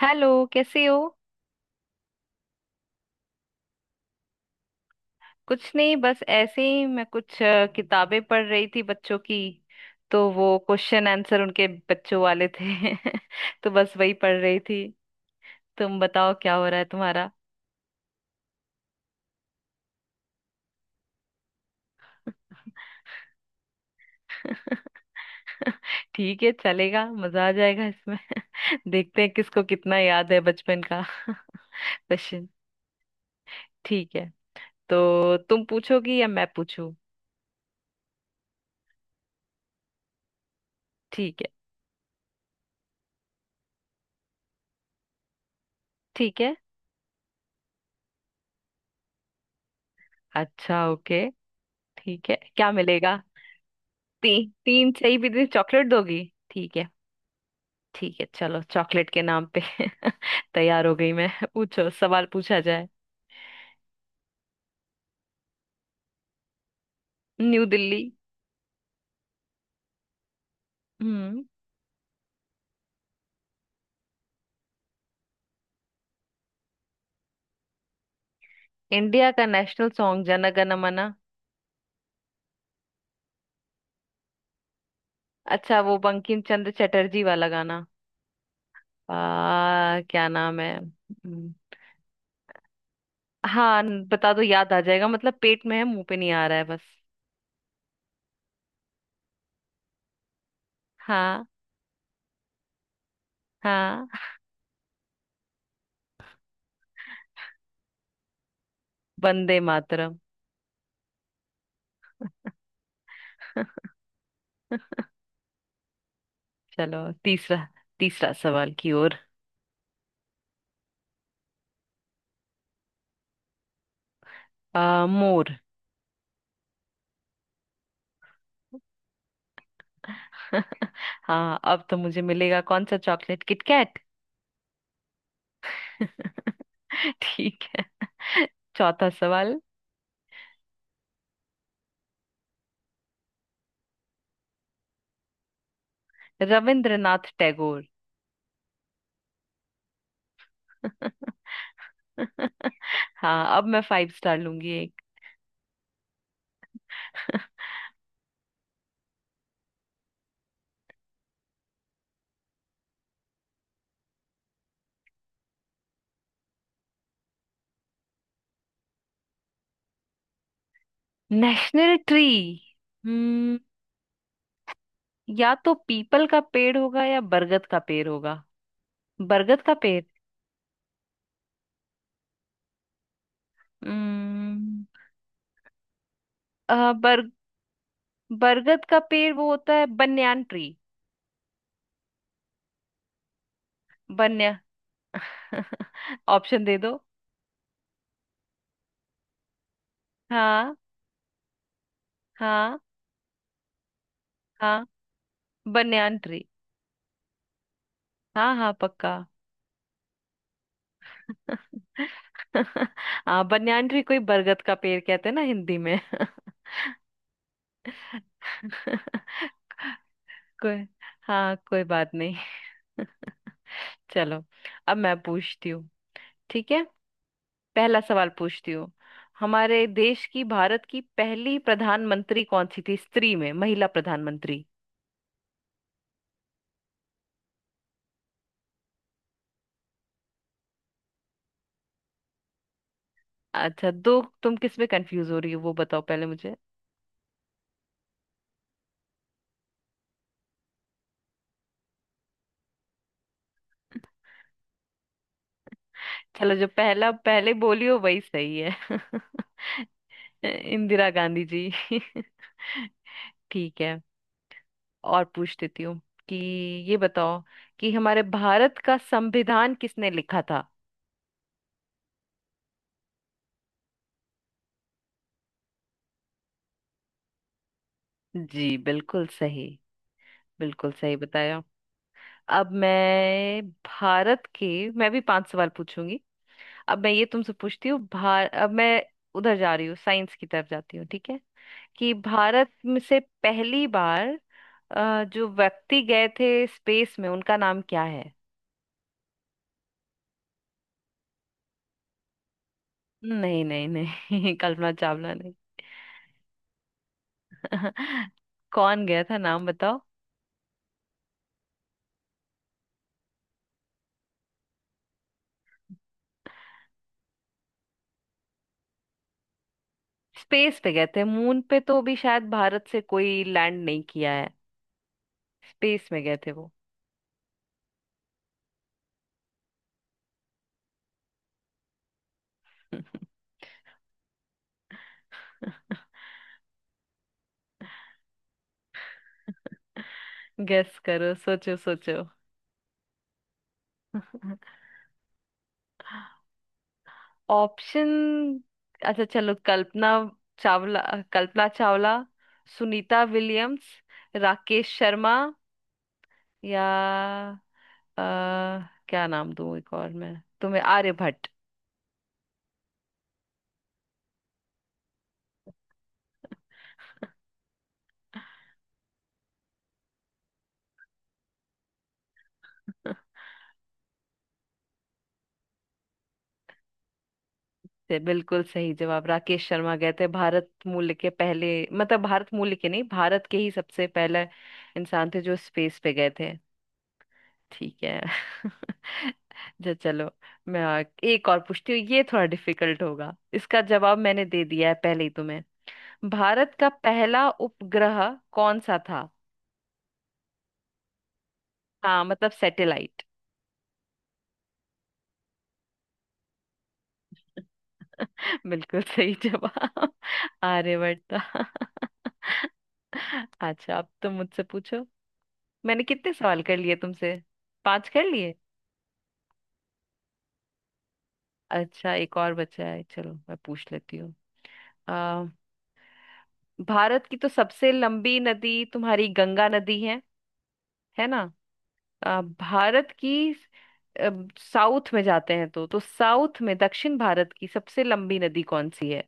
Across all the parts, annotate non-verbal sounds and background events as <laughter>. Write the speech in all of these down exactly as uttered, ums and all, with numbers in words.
Hello. कैसे हो। कुछ नहीं, बस ऐसे ही मैं कुछ अ, किताबें पढ़ रही थी बच्चों की। तो वो क्वेश्चन आंसर उनके बच्चों वाले थे। <laughs> तो बस वही पढ़ रही थी। तुम बताओ क्या हो रहा है तुम्हारा। <laughs> ठीक है, चलेगा, मजा आ जाएगा इसमें। <laughs> देखते हैं किसको कितना याद है बचपन का। <laughs> क्वेश्चन। ठीक है, तो तुम पूछोगी या मैं पूछूं। ठीक है। ठीक है। अच्छा, ओके। ठीक है, क्या मिलेगा। ती, तीन सही भी चॉकलेट दोगी। ठीक है। ठीक है, चलो चॉकलेट के नाम पे। <laughs> तैयार हो गई मैं, पूछो, सवाल पूछा जाए। न्यू दिल्ली। हम्म। इंडिया का नेशनल सॉन्ग जन गण मन। अच्छा, वो बंकिम चंद्र चटर्जी वाला गाना। आ, क्या नाम है। हम्म, हाँ, न- बता दो, याद आ जाएगा, मतलब पेट में है मुंह पे नहीं आ रहा है बस। हाँ। हाँ। वंदे मातरम। चलो तीसरा। तीसरा सवाल की ओर। आ, मोर। <laughs> हाँ, अब तो मुझे मिलेगा कौन सा चॉकलेट, किटकैट। <laughs> ठीक है। चौथा सवाल। रविंद्रनाथ टैगोर। <laughs> हाँ, अब मैं फाइव स्टार लूंगी एक। <laughs> National tree. हम्म। या तो पीपल का पेड़ होगा या बरगद का पेड़ होगा। बरगद का पेड़। हम्म। अ, बर बरगद का पेड़ वो होता है बन्यान ट्री। बन्या <laughs> ऑप्शन दे दो। हाँ। हाँ। हाँ बन्यान ट्री। हाँ हाँ पक्का। <laughs> हाँ, बन्यान ट्री कोई बरगद का पेड़ कहते हैं ना हिंदी में। <laughs> कोई, हाँ कोई बात नहीं। <laughs> चलो, अब मैं पूछती हूँ। ठीक है। पहला सवाल पूछती हूँ। हमारे देश की, भारत की, पहली प्रधानमंत्री कौन सी थी, स्त्री में, महिला प्रधानमंत्री। अच्छा, दो, तुम किस में कंफ्यूज हो रही हो वो बताओ पहले मुझे। चलो, जो पहला पहले बोली हो वही सही है। <laughs> इंदिरा गांधी जी। <laughs> ठीक है, और पूछ देती हूँ कि ये बताओ कि हमारे भारत का संविधान किसने लिखा था। जी बिल्कुल सही। बिल्कुल सही बताया। अब मैं भारत के, मैं भी पांच सवाल पूछूंगी। अब मैं ये तुमसे पूछती हूँ। भार अब मैं उधर जा रही हूँ, साइंस की तरफ जाती हूँ, ठीक है। कि भारत में से पहली बार अ, जो व्यक्ति गए थे स्पेस में, उनका नाम क्या है। नहीं नहीं नहीं, <laughs> कल्पना चावला नहीं। <laughs> कौन गया था, नाम बताओ। स्पेस पे गए थे, मून पे तो अभी शायद भारत से कोई लैंड नहीं किया है। स्पेस में गए थे वो। <laughs> गेस करो, सोचो सोचो। ऑप्शन, अच्छा चलो। कल्पना चावला। कल्पना चावला, सुनीता विलियम्स, राकेश शर्मा, या अ, क्या नाम दूं एक और मैं तुम्हें, आर्यभट्ट। <laughs> से बिल्कुल सही जवाब, राकेश शर्मा गए थे, भारत मूल के पहले, मतलब भारत मूल के नहीं, भारत के ही सबसे पहले इंसान थे जो स्पेस पे गए थे। ठीक है। <laughs> जो चलो, मैं आ- एक और पूछती हूँ, ये थोड़ा डिफिकल्ट होगा, इसका जवाब मैंने दे दिया है पहले ही तुम्हें। भारत का पहला उपग्रह कौन सा था। हाँ, मतलब सैटेलाइट। <laughs> बिल्कुल सही जवाब, आर्यभट्ट था। <laughs> अच्छा, अब तुम मुझसे पूछो। मैंने कितने सवाल कर लिए तुमसे। पांच कर लिए। अच्छा, एक और बचा है, चलो मैं पूछ लेती हूँ। आ, भारत की तो सबसे लंबी नदी तुम्हारी गंगा नदी है है ना। आ, भारत की अ, साउथ में जाते हैं तो, तो साउथ में, दक्षिण भारत की सबसे लंबी नदी कौन सी है।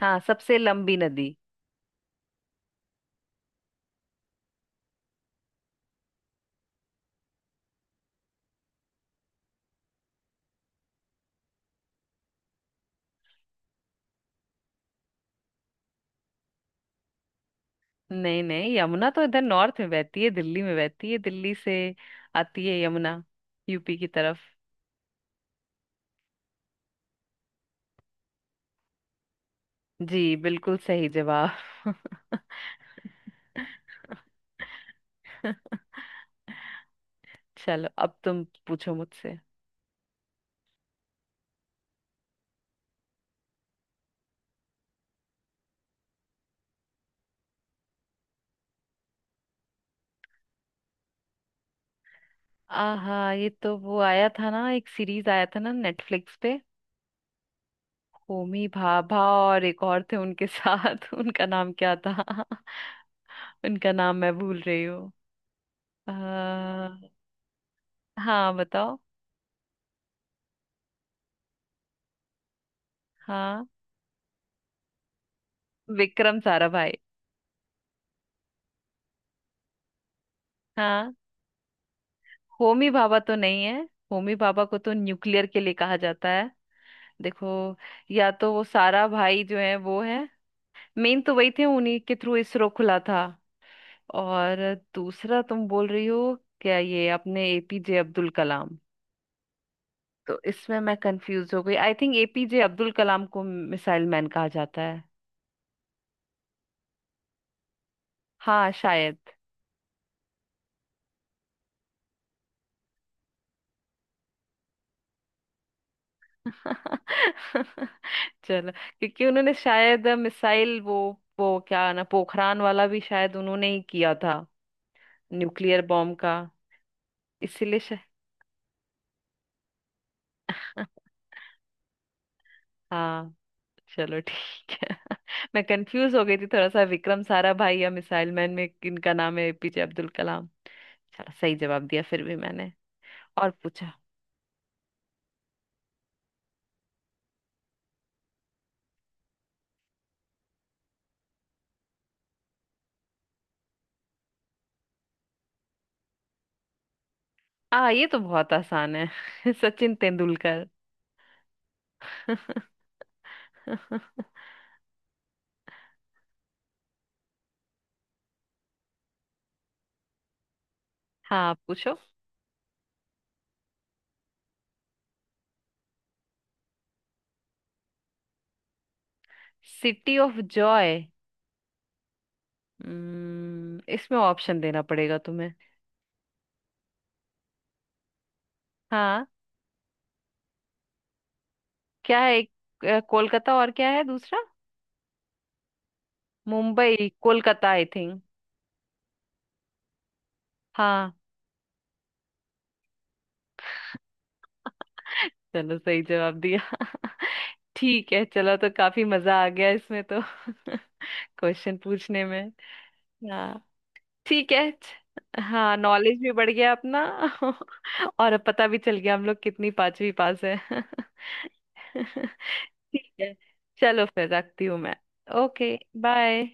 हाँ, सबसे लंबी नदी। नहीं नहीं, यमुना तो इधर नॉर्थ में बहती है, दिल्ली में बहती है, दिल्ली से आती है यमुना, यू पी की तरफ। जी बिल्कुल सही जवाब। <laughs> चलो, अब तुम पूछो मुझसे। आहा, ये तो वो आया था ना, एक सीरीज आया था ना नेटफ्लिक्स पे, होमी भाभा और एक और थे उनके साथ। <laughs> उनका नाम क्या था। <laughs> उनका नाम मैं भूल रही हूँ। आ, हाँ बताओ। हाँ, विक्रम साराभाई। हाँ। होमी भाभा तो नहीं है, होमी भाभा को तो न्यूक्लियर के लिए कहा जाता है। देखो, या तो वो सारा भाई जो है वो है, मेन तो वही थे, उन्हीं के थ्रू इसरो खुला था। और दूसरा तुम बोल रही हो क्या, ये अपने ए पी जे अब्दुल कलाम। तो इसमें मैं कंफ्यूज हो गई, आई थिंक ए पी जे अब्दुल कलाम को मिसाइल मैन कहा जाता है। हाँ शायद। <laughs> चलो, क्योंकि उन्होंने शायद मिसाइल, वो वो क्या ना, पोखरान वाला भी शायद उन्होंने ही किया था, न्यूक्लियर बॉम्ब का, इसीलिए शायद। चलो ठीक है। <laughs> मैं कंफ्यूज हो गई थी थोड़ा सा, विक्रम साराभाई या मिसाइल मैन में किनका नाम है, ए पी जे अब्दुल कलाम। चलो, सही जवाब दिया फिर भी मैंने, और पूछा। आ, ये तो बहुत आसान है। <laughs> सचिन तेंदुलकर। <laughs> हाँ आप पूछो। City of joy. हम्म, इसमें ऑप्शन देना पड़ेगा तुम्हें। हाँ, क्या है एक, अ, कोलकाता, और क्या है दूसरा। Mumbai Kolkata, I think. हाँ। चलो, सही जवाब दिया। <laughs> ठीक है, चलो, तो काफी मजा आ गया इसमें तो। <laughs> क्वेश्चन पूछने में। हाँ। ठीक है। हाँ, नॉलेज भी बढ़ गया अपना। <laughs> और अब पता भी चल गया हम लोग कितनी पांचवी पास है। <laughs> ठीक है, चलो फिर रखती हूँ मैं। ओके। बाय।